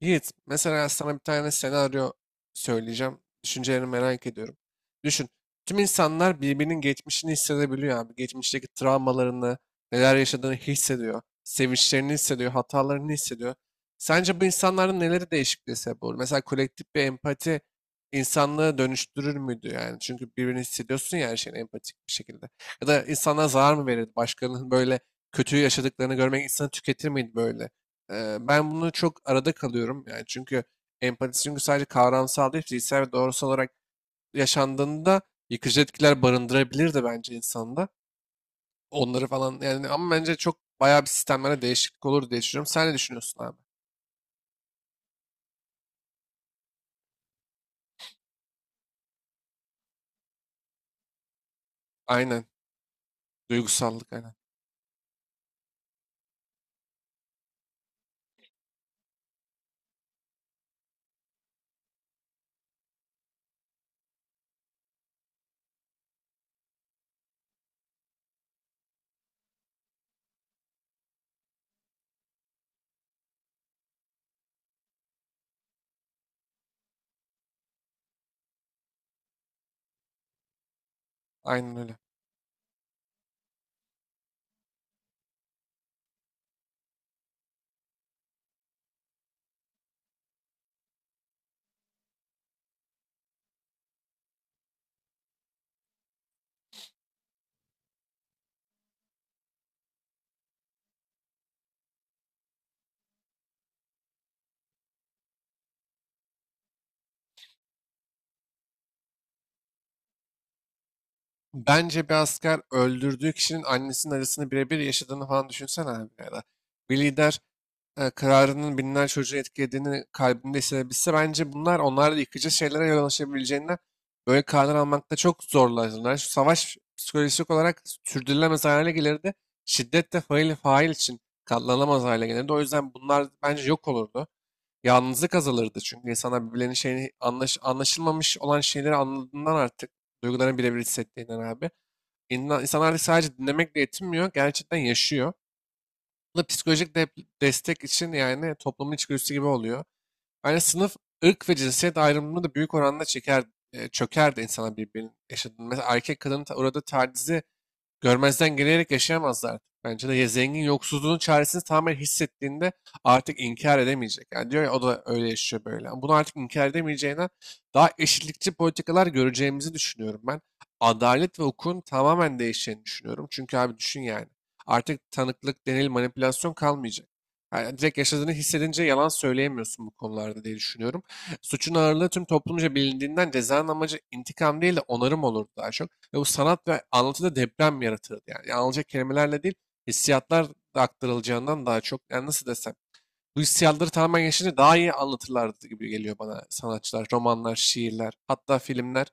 Yiğit, mesela sana bir tane senaryo söyleyeceğim. Düşüncelerini merak ediyorum. Düşün, tüm insanlar birbirinin geçmişini hissedebiliyor abi. Geçmişteki travmalarını, neler yaşadığını hissediyor. Sevinçlerini hissediyor, hatalarını hissediyor. Sence bu insanların neleri değişikliğe sebep olur? Mesela kolektif bir empati insanlığı dönüştürür müydü yani? Çünkü birbirini hissediyorsun ya her şeyin empatik bir şekilde. Ya da insana zarar mı verirdi? Başkalarının böyle kötü yaşadıklarını görmek insanı tüketir miydi böyle? Ben bunu çok arada kalıyorum. Yani çünkü empati çünkü sadece kavramsal değil, fiziksel ve doğrusal olarak yaşandığında yıkıcı etkiler barındırabilir de bence insanda. Onları falan yani ama bence çok bayağı bir sistemlere değişiklik olur diye düşünüyorum. Sen ne düşünüyorsun abi? Aynen. Duygusallık aynen. Aynen öyle. Bence bir asker öldürdüğü kişinin annesinin acısını birebir yaşadığını falan düşünsene abi ya da bir lider kararının binler çocuğu etkilediğini kalbinde hissedebilse bence bunlar onlarla yıkıcı şeylere yol açabileceğinden böyle karar almakta çok zorlanırlar. Şu savaş psikolojik olarak sürdürülemez hale gelirdi. Şiddet de fail için katlanamaz hale gelirdi. O yüzden bunlar bence yok olurdu. Yalnızlık azalırdı çünkü insanlar birbirlerinin şeyini anlaşılmamış olan şeyleri anladığından artık duygularını birebir hissettiğinden abi. İnsan, insanlar artık sadece dinlemekle yetinmiyor, gerçekten yaşıyor. Bu da psikolojik destek için yani toplumun içgüdüsü gibi oluyor. Yani sınıf, ırk ve cinsiyet ayrımını da büyük oranda çeker, çöker de insanlar birbirinin yaşadığını. Mesela erkek kadının uğradığı tacizi görmezden gelerek yaşayamazlar. Bence de ya zengin yoksulluğun çaresini tamamen hissettiğinde artık inkar edemeyecek. Yani diyor ya o da öyle yaşıyor böyle. Yani bunu artık inkar edemeyeceğine daha eşitlikçi politikalar göreceğimizi düşünüyorum ben. Adalet ve hukukun tamamen değişeceğini düşünüyorum. Çünkü abi düşün yani. Artık tanıklık, delil, manipülasyon kalmayacak. Yani direkt yaşadığını hissedince yalan söyleyemiyorsun bu konularda diye düşünüyorum. Suçun ağırlığı tüm toplumca bilindiğinden cezanın amacı intikam değil de onarım olurdu daha çok. Ve bu sanat ve anlatıda deprem yaratırdı yani. Yani anılacak kelimelerle değil, hissiyatlar da aktarılacağından daha çok. Yani nasıl desem, bu hissiyatları tamamen yaşayınca daha iyi anlatırlardı gibi geliyor bana sanatçılar, romanlar, şiirler, hatta filmler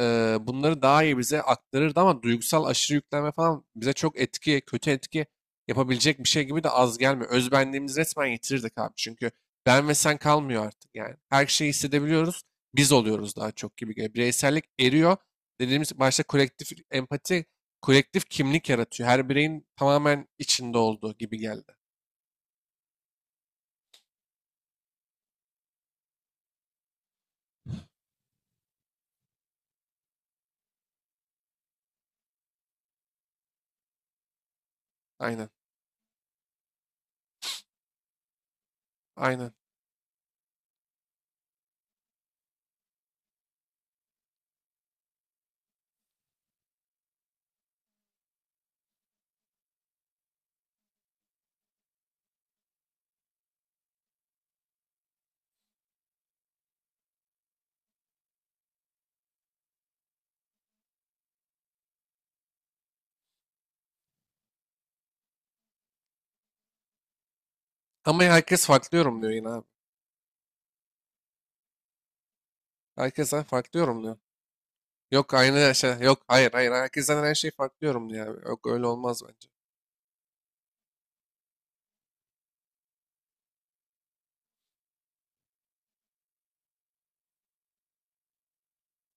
bunları daha iyi bize aktarırdı ama duygusal aşırı yüklenme falan bize çok etki, kötü etki yapabilecek bir şey gibi de az gelmiyor. Özbenliğimizi resmen yitirirdik abi. Çünkü ben ve sen kalmıyor artık yani. Her şeyi hissedebiliyoruz. Biz oluyoruz daha çok gibi geliyor. Bireysellik eriyor. Dediğimiz başta kolektif empati, kolektif kimlik yaratıyor. Her bireyin tamamen içinde olduğu gibi geldi. Aynen. Aynen. Ama herkes farklı yorumluyor yine abi. Herkes farklı yorumluyor. Yok aynı şey. Yok, hayır hayır. Herkesten her şey farklı diyorum ya. Yok öyle olmaz bence.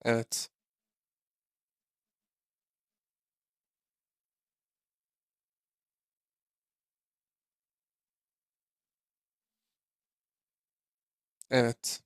Evet. Evet.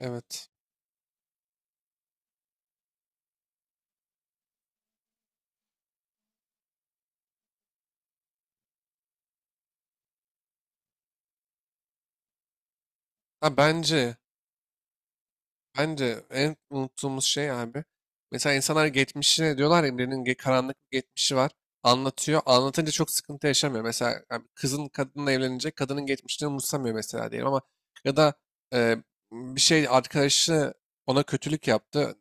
Evet. Ha bence. Bence en unuttuğumuz şey abi. Mesela insanlar geçmişine diyorlar ya birinin karanlık bir geçmişi var. Anlatıyor. Anlatınca çok sıkıntı yaşamıyor. Mesela yani kızın kadınla evlenecek. Kadının geçmişini umursamıyor mesela diyelim ama ya da e, bir şey arkadaşı ona kötülük yaptı.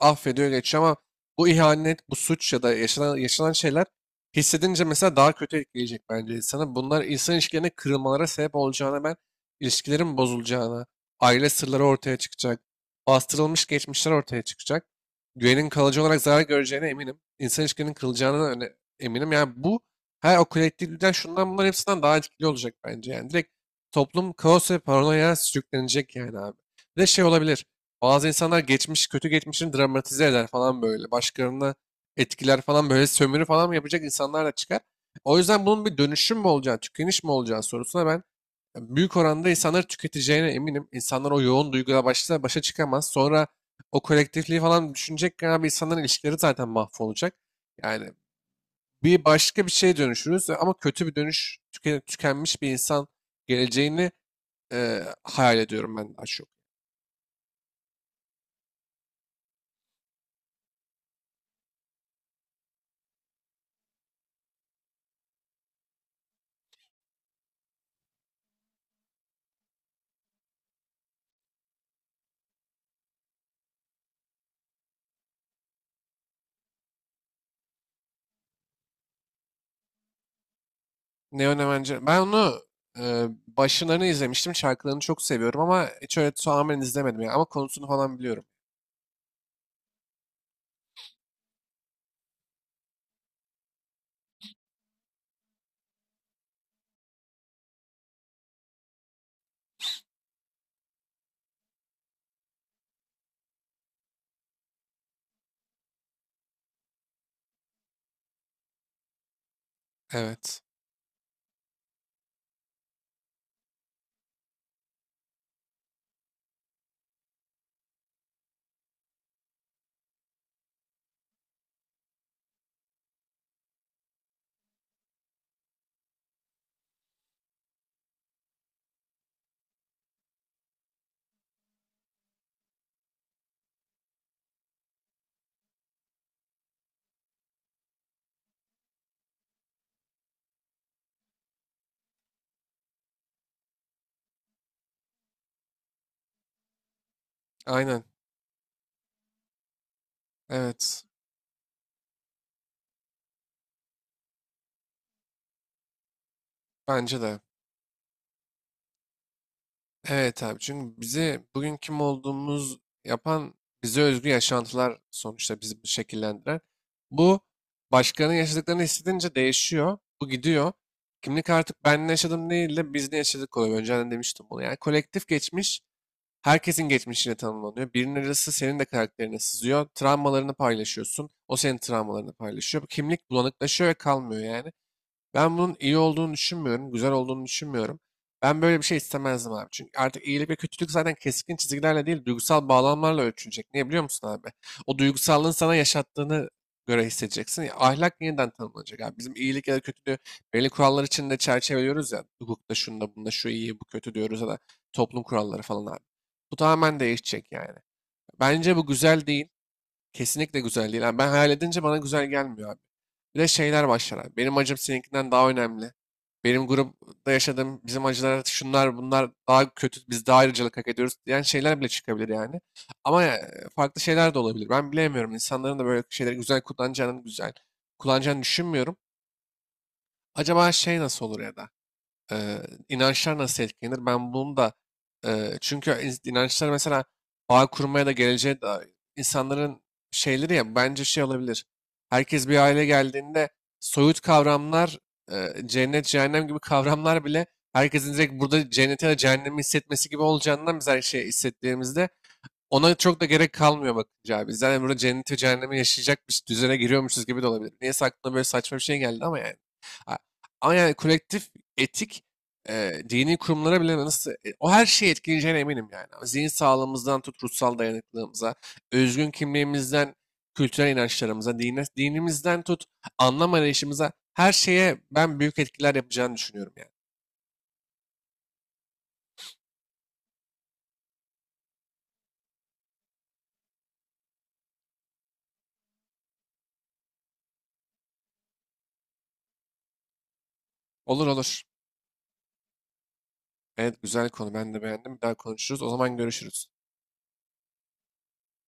Affediyor geçiyor ama bu ihanet, bu suç ya da yaşanan şeyler hissedince mesela daha kötü etkileyecek bence insana. Bunlar insan ilişkilerine kırılmalara sebep olacağına ben ilişkilerin bozulacağına, aile sırları ortaya çıkacak, bastırılmış geçmişler ortaya çıkacak. Güvenin kalıcı olarak zarar göreceğine eminim. İnsan ilişkilerinin kılacağına eminim. Yani bu her o kolektif lider şundan bunların hepsinden daha etkili olacak bence. Yani direkt toplum kaos ve paranoya sürüklenecek yani abi. Bir de şey olabilir. Bazı insanlar geçmiş, kötü geçmişini dramatize eder falan böyle. Başkalarına etkiler falan böyle sömürü falan mı yapacak insanlar da çıkar. O yüzden bunun bir dönüşüm mü olacağı, tükeniş mi olacağı sorusuna ben büyük oranda insanları tüketeceğine eminim. İnsanlar o yoğun duyguyla başta başa çıkamaz. Sonra o kolektifliği falan düşünecekken abi insanların ilişkileri zaten mahvolacak. Yani bir başka bir şeye dönüşürüz ama kötü bir dönüş, tükenmiş bir insan geleceğini hayal ediyorum ben daha çok. Neonemenci. Ben onu başlarını izlemiştim. Şarkılarını çok seviyorum ama hiç öyle tamamen izlemedim. Yani. Ama konusunu falan biliyorum. Evet. Aynen. Evet. Bence de. Evet abi, çünkü bizi bugün kim olduğumuz yapan bize özgü yaşantılar, sonuçta bizi bu şekillendiren. Bu başkalarının yaşadıklarını hissedince değişiyor. Bu gidiyor. Kimlik artık ben ne yaşadım değil de biz ne yaşadık oluyor. Önceden demiştim bunu. Yani kolektif geçmiş herkesin geçmişiyle tanımlanıyor. Birinin acısı senin de karakterine sızıyor. Travmalarını paylaşıyorsun. O senin travmalarını paylaşıyor. Bu kimlik bulanıklaşıyor ve kalmıyor yani. Ben bunun iyi olduğunu düşünmüyorum, güzel olduğunu düşünmüyorum. Ben böyle bir şey istemezdim abi. Çünkü artık iyilik ve kötülük zaten keskin çizgilerle değil, duygusal bağlamlarla ölçülecek. Niye biliyor musun abi? O duygusallığın sana yaşattığını göre hissedeceksin. Ya, ahlak yeniden tanımlanacak abi. Bizim iyilik ya da kötülüğü belli kurallar içinde çerçeveliyoruz ya. Hukukta şunda bunda şu iyi bu kötü diyoruz ya da toplum kuralları falan abi. Bu tamamen değişecek yani. Bence bu güzel değil. Kesinlikle güzel değil abi. Ben hayal edince bana güzel gelmiyor abi. Bir de şeyler başlar abi. Benim acım seninkinden daha önemli. Benim grupta yaşadığım bizim acılar şunlar bunlar daha kötü. Biz daha ayrıcalık hak ediyoruz diyen şeyler bile çıkabilir yani. Ama farklı şeyler de olabilir. Ben bilemiyorum. İnsanların da böyle şeyleri güzel kullanacağını düşünmüyorum. Acaba şey nasıl olur ya da? Eee, inançlar nasıl etkilenir? Ben bunu da çünkü inançlar mesela bağ kurmaya da geleceğe dair insanların şeyleri ya bence şey olabilir. Herkes bir aile geldiğinde soyut kavramlar cennet cehennem gibi kavramlar bile herkesin direkt burada cenneti ya da cehennemi hissetmesi gibi olacağından biz her şeyi hissettiğimizde ona çok da gerek kalmıyor bakınca abi. Biz zaten burada cenneti ve cehennemi yaşayacak bir düzene giriyormuşuz gibi de olabilir. Niyeyse aklıma böyle saçma bir şey geldi ama yani. A- Ama yani kolektif etik dini kurumlara bile nasıl o her şeyi etkileyeceğine eminim yani. Zihin sağlığımızdan tut ruhsal dayanıklılığımıza, özgün kimliğimizden kültürel inançlarımıza, dine, dinimizden tut anlam arayışımıza her şeye ben büyük etkiler yapacağını düşünüyorum yani. Olur olur. Evet, güzel konu, ben de beğendim. Bir daha konuşuruz. O zaman görüşürüz.